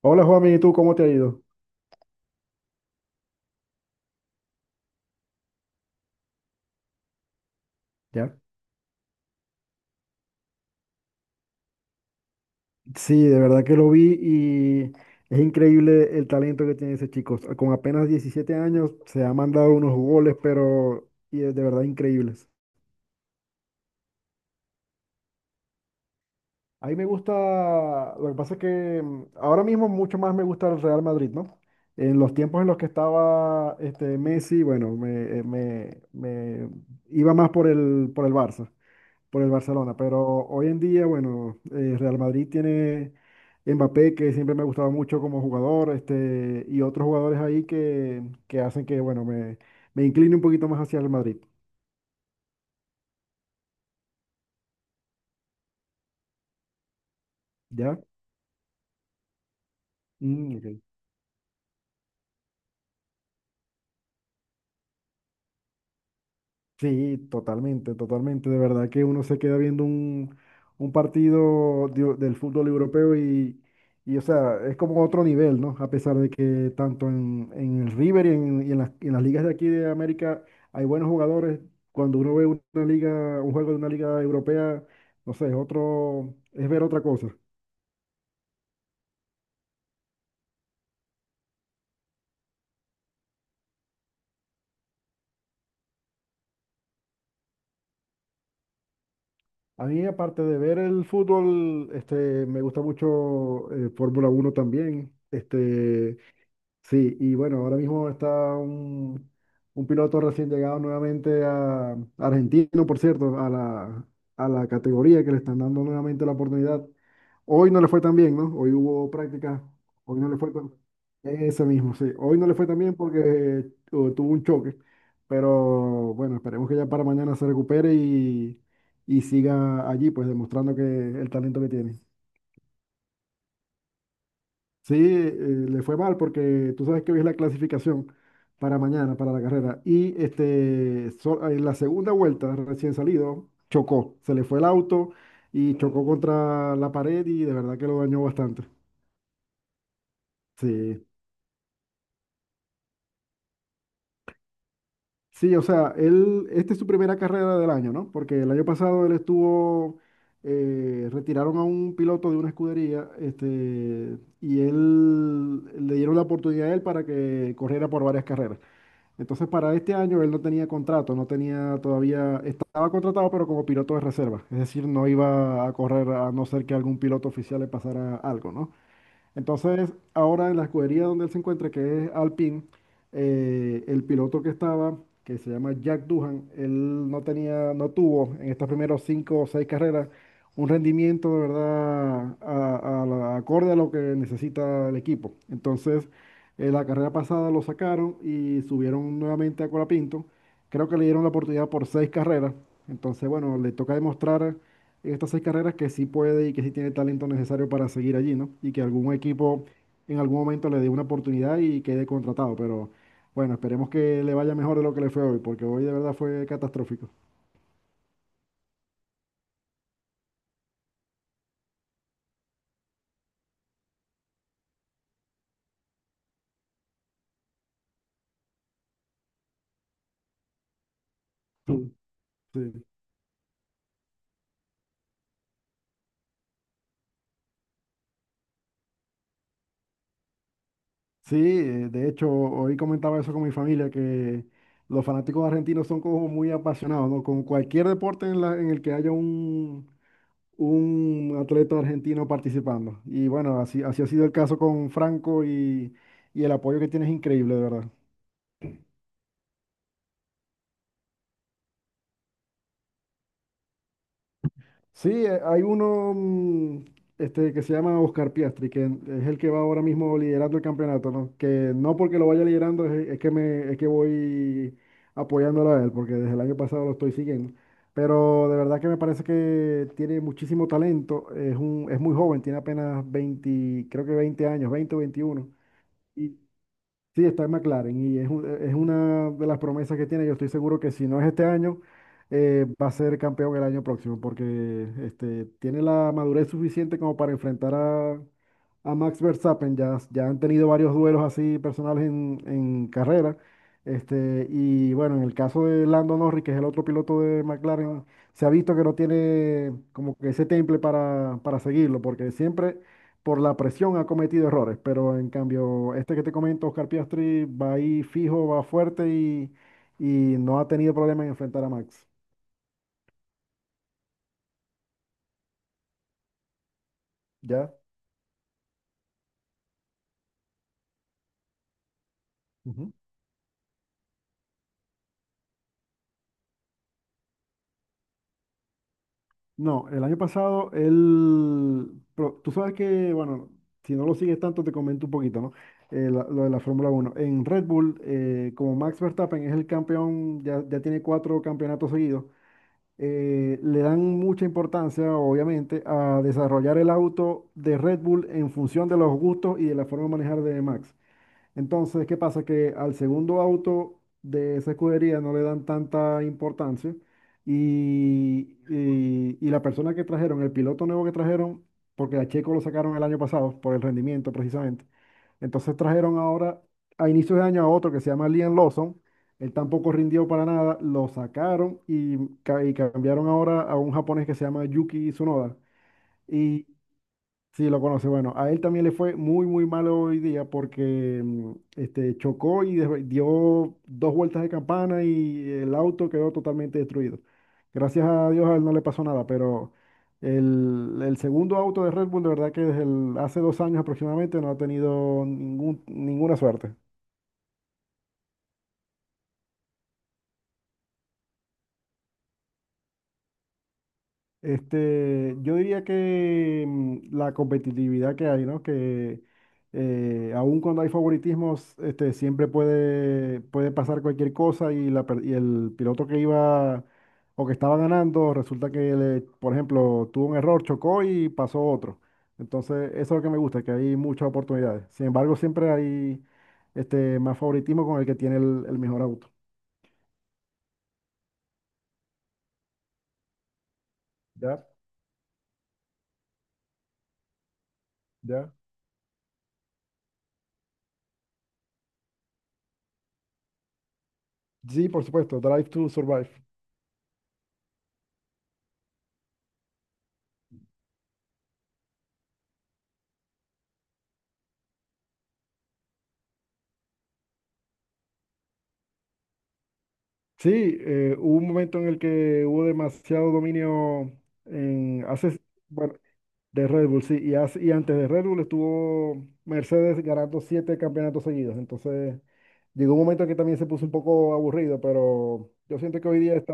Hola Juan, ¿y tú cómo te ha ido? ¿Ya? Sí, de verdad que lo vi y es increíble el talento que tiene ese chico. Con apenas 17 años se ha mandado unos goles, pero y de verdad increíbles. A mí me gusta, lo que pasa es que ahora mismo mucho más me gusta el Real Madrid, ¿no? En los tiempos en los que estaba Messi, bueno, me iba más por el Barça, por el Barcelona, pero hoy en día, bueno, Real Madrid tiene Mbappé, que siempre me ha gustado mucho como jugador, y otros jugadores ahí que hacen que, bueno, me incline un poquito más hacia el Madrid. ¿Ya? Mm, ok. Sí, totalmente, totalmente. De verdad que uno se queda viendo un partido del fútbol europeo y, o sea, es como otro nivel, ¿no? A pesar de que tanto en el River y en las ligas de aquí de América hay buenos jugadores. Cuando uno ve una liga, un juego de una liga europea, no sé, es otro, es ver otra cosa. A mí, aparte de ver el fútbol, me gusta mucho Fórmula 1 también. Sí, y bueno, ahora mismo está un, un piloto recién llegado nuevamente a argentino, por cierto, a la categoría que le están dando nuevamente la oportunidad. Hoy no le fue tan bien, ¿no? Hoy hubo práctica. Hoy no le fue tan Ese mismo, sí. Hoy no le fue tan bien porque tuvo un choque, pero bueno, esperemos que ya para mañana se recupere y siga allí, pues demostrando que el talento que tiene. Sí, le fue mal porque tú sabes que hoy es la clasificación para mañana, para la carrera. Y en la segunda vuelta, recién salido, chocó. Se le fue el auto y chocó contra la pared y de verdad que lo dañó bastante. Sí, sí, o sea, él, esta es su primera carrera del año, ¿no? Porque el año pasado él estuvo, retiraron a un piloto de una escudería, y él, le dieron la oportunidad a él para que corriera por varias carreras. Entonces, para este año él no tenía contrato, no tenía todavía, estaba contratado, pero como piloto de reserva. Es decir, no iba a correr a no ser que algún piloto oficial le pasara algo, ¿no? Entonces, ahora en la escudería donde él se encuentra, que es Alpine, el piloto que estaba, que se llama Jack Duhan, él no tenía, no tuvo en estas primeras cinco o seis carreras un rendimiento de verdad acorde a lo que necesita el equipo. Entonces, la carrera pasada lo sacaron y subieron nuevamente a Colapinto. Creo que le dieron la oportunidad por seis carreras. Entonces, bueno, le toca demostrar estas seis carreras que sí puede y que sí tiene el talento necesario para seguir allí, ¿no? Y que algún equipo en algún momento le dé una oportunidad y quede contratado. Pero bueno, esperemos que le vaya mejor de lo que le fue hoy, porque hoy de verdad fue catastrófico. Sí. Sí. Sí, de hecho, hoy comentaba eso con mi familia, que los fanáticos argentinos son como muy apasionados, ¿no? Con cualquier deporte en el que haya un atleta argentino participando. Y bueno, así, así ha sido el caso con Franco y el apoyo que tiene es increíble, de verdad. Sí, hay uno que se llama Oscar Piastri, que es el que va ahora mismo liderando el campeonato, ¿no? Que no porque lo vaya liderando es que voy apoyándolo a él, porque desde el año pasado lo estoy siguiendo. Pero de verdad que me parece que tiene muchísimo talento, es muy joven, tiene apenas 20, creo que 20 años, 20 o 21, y sí, está en McLaren y es una de las promesas que tiene. Yo estoy seguro que si no es este año, va a ser campeón el año próximo porque tiene la madurez suficiente como para enfrentar a Max Verstappen. Ya, ya han tenido varios duelos así personales en carrera. Y bueno, en el caso de Lando Norris, que es el otro piloto de McLaren, se ha visto que no tiene como que ese temple para seguirlo porque siempre por la presión ha cometido errores, pero en cambio, este que te comento, Oscar Piastri, va ahí fijo, va fuerte y no ha tenido problema en enfrentar a Max. ¿Ya? Ujú. No, el año pasado él, pero tú sabes que, bueno, si no lo sigues tanto te comento un poquito, ¿no? Lo de la Fórmula 1 en Red Bull, como Max Verstappen es el campeón, ya, ya tiene cuatro campeonatos seguidos, le dan mucha importancia, obviamente, a desarrollar el auto de Red Bull en función de los gustos y de la forma de manejar de Max. Entonces, ¿qué pasa? Que al segundo auto de esa escudería no le dan tanta importancia y la persona que trajeron, el piloto nuevo que trajeron, porque a Checo lo sacaron el año pasado por el rendimiento precisamente, entonces trajeron ahora a inicios de año a otro que se llama Liam Lawson, él tampoco rindió para nada, lo sacaron y cambiaron ahora a un japonés que se llama Yuki Tsunoda. Sí, lo conoce. Bueno, a él también le fue muy, muy malo hoy día porque chocó y dio dos vueltas de campana y el auto quedó totalmente destruido. Gracias a Dios a él no le pasó nada, pero el segundo auto de Red Bull, de verdad que hace 2 años aproximadamente no ha tenido ningún, ninguna suerte. Yo diría que la competitividad que hay, ¿no? Que aun cuando hay favoritismos, siempre puede pasar cualquier cosa y el piloto que iba o que estaba ganando, resulta que, por ejemplo, tuvo un error, chocó y pasó otro. Entonces, eso es lo que me gusta, que hay muchas oportunidades. Sin embargo, siempre hay más favoritismo con el que tiene el mejor auto. Ya, ya. Sí, por supuesto, Drive to Survive. Sí, hubo un momento en el que hubo demasiado dominio en hace, bueno, de Red Bull, sí, y antes de Red Bull estuvo Mercedes ganando siete campeonatos seguidos. Entonces, llegó un momento que también se puso un poco aburrido, pero yo siento que hoy día está.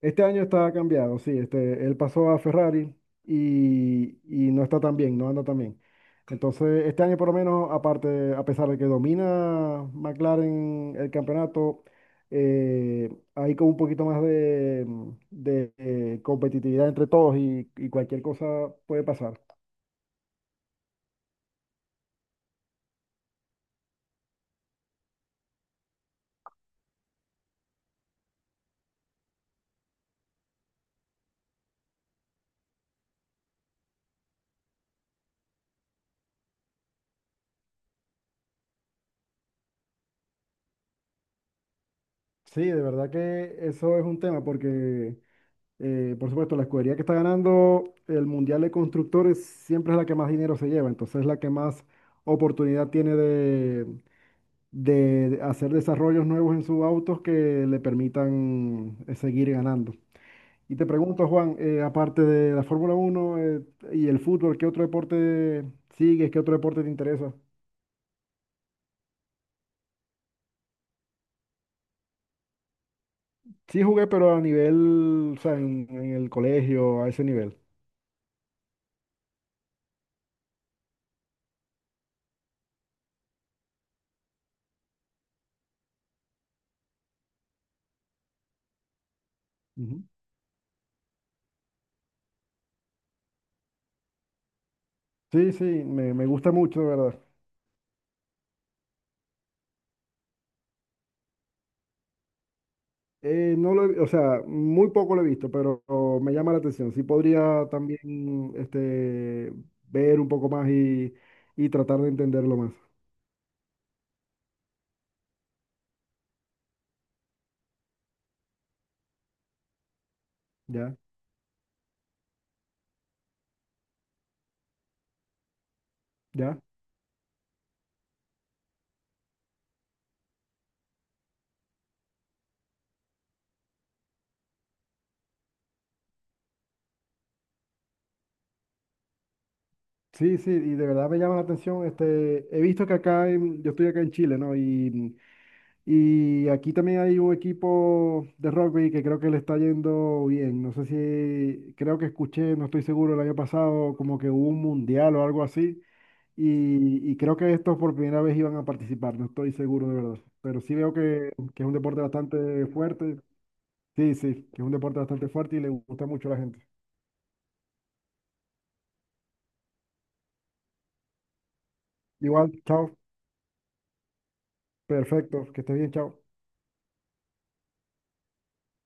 Este año está cambiado, sí. Él pasó a Ferrari y no está tan bien, no anda tan bien. Entonces, este año por lo menos, aparte, a pesar de que domina McLaren el campeonato, eh, hay como un poquito más de competitividad entre todos y cualquier cosa puede pasar. Sí, de verdad que eso es un tema porque por supuesto, la escudería que está ganando el Mundial de Constructores siempre es la que más dinero se lleva, entonces es la que más oportunidad tiene de hacer desarrollos nuevos en sus autos que le permitan seguir ganando. Y te pregunto, Juan, aparte de la Fórmula 1 y el fútbol, ¿qué otro deporte sigues? ¿Qué otro deporte te interesa? Sí jugué, pero a nivel, o sea, en el colegio, a ese nivel. Ujú. Sí, sí, me gusta mucho, de verdad. No lo he- o sea, muy poco lo he visto, pero me llama la atención. Sí podría también ver un poco más y tratar de entenderlo más. ¿Ya? ¿Ya? Sí, sí, y de verdad me llama la atención. He visto que acá, yo estoy acá en Chile, ¿no? Y aquí también hay un equipo de rugby que creo que le está yendo bien. No sé si, creo que escuché, no estoy seguro, el año pasado como que hubo un mundial o algo así. Y creo que estos por primera vez iban a participar, no estoy seguro de verdad. Pero sí veo que es un deporte bastante fuerte. Sí, sí, que es un deporte bastante fuerte y le gusta mucho a la gente. Igual, chao. Perfecto, que estés bien, chao.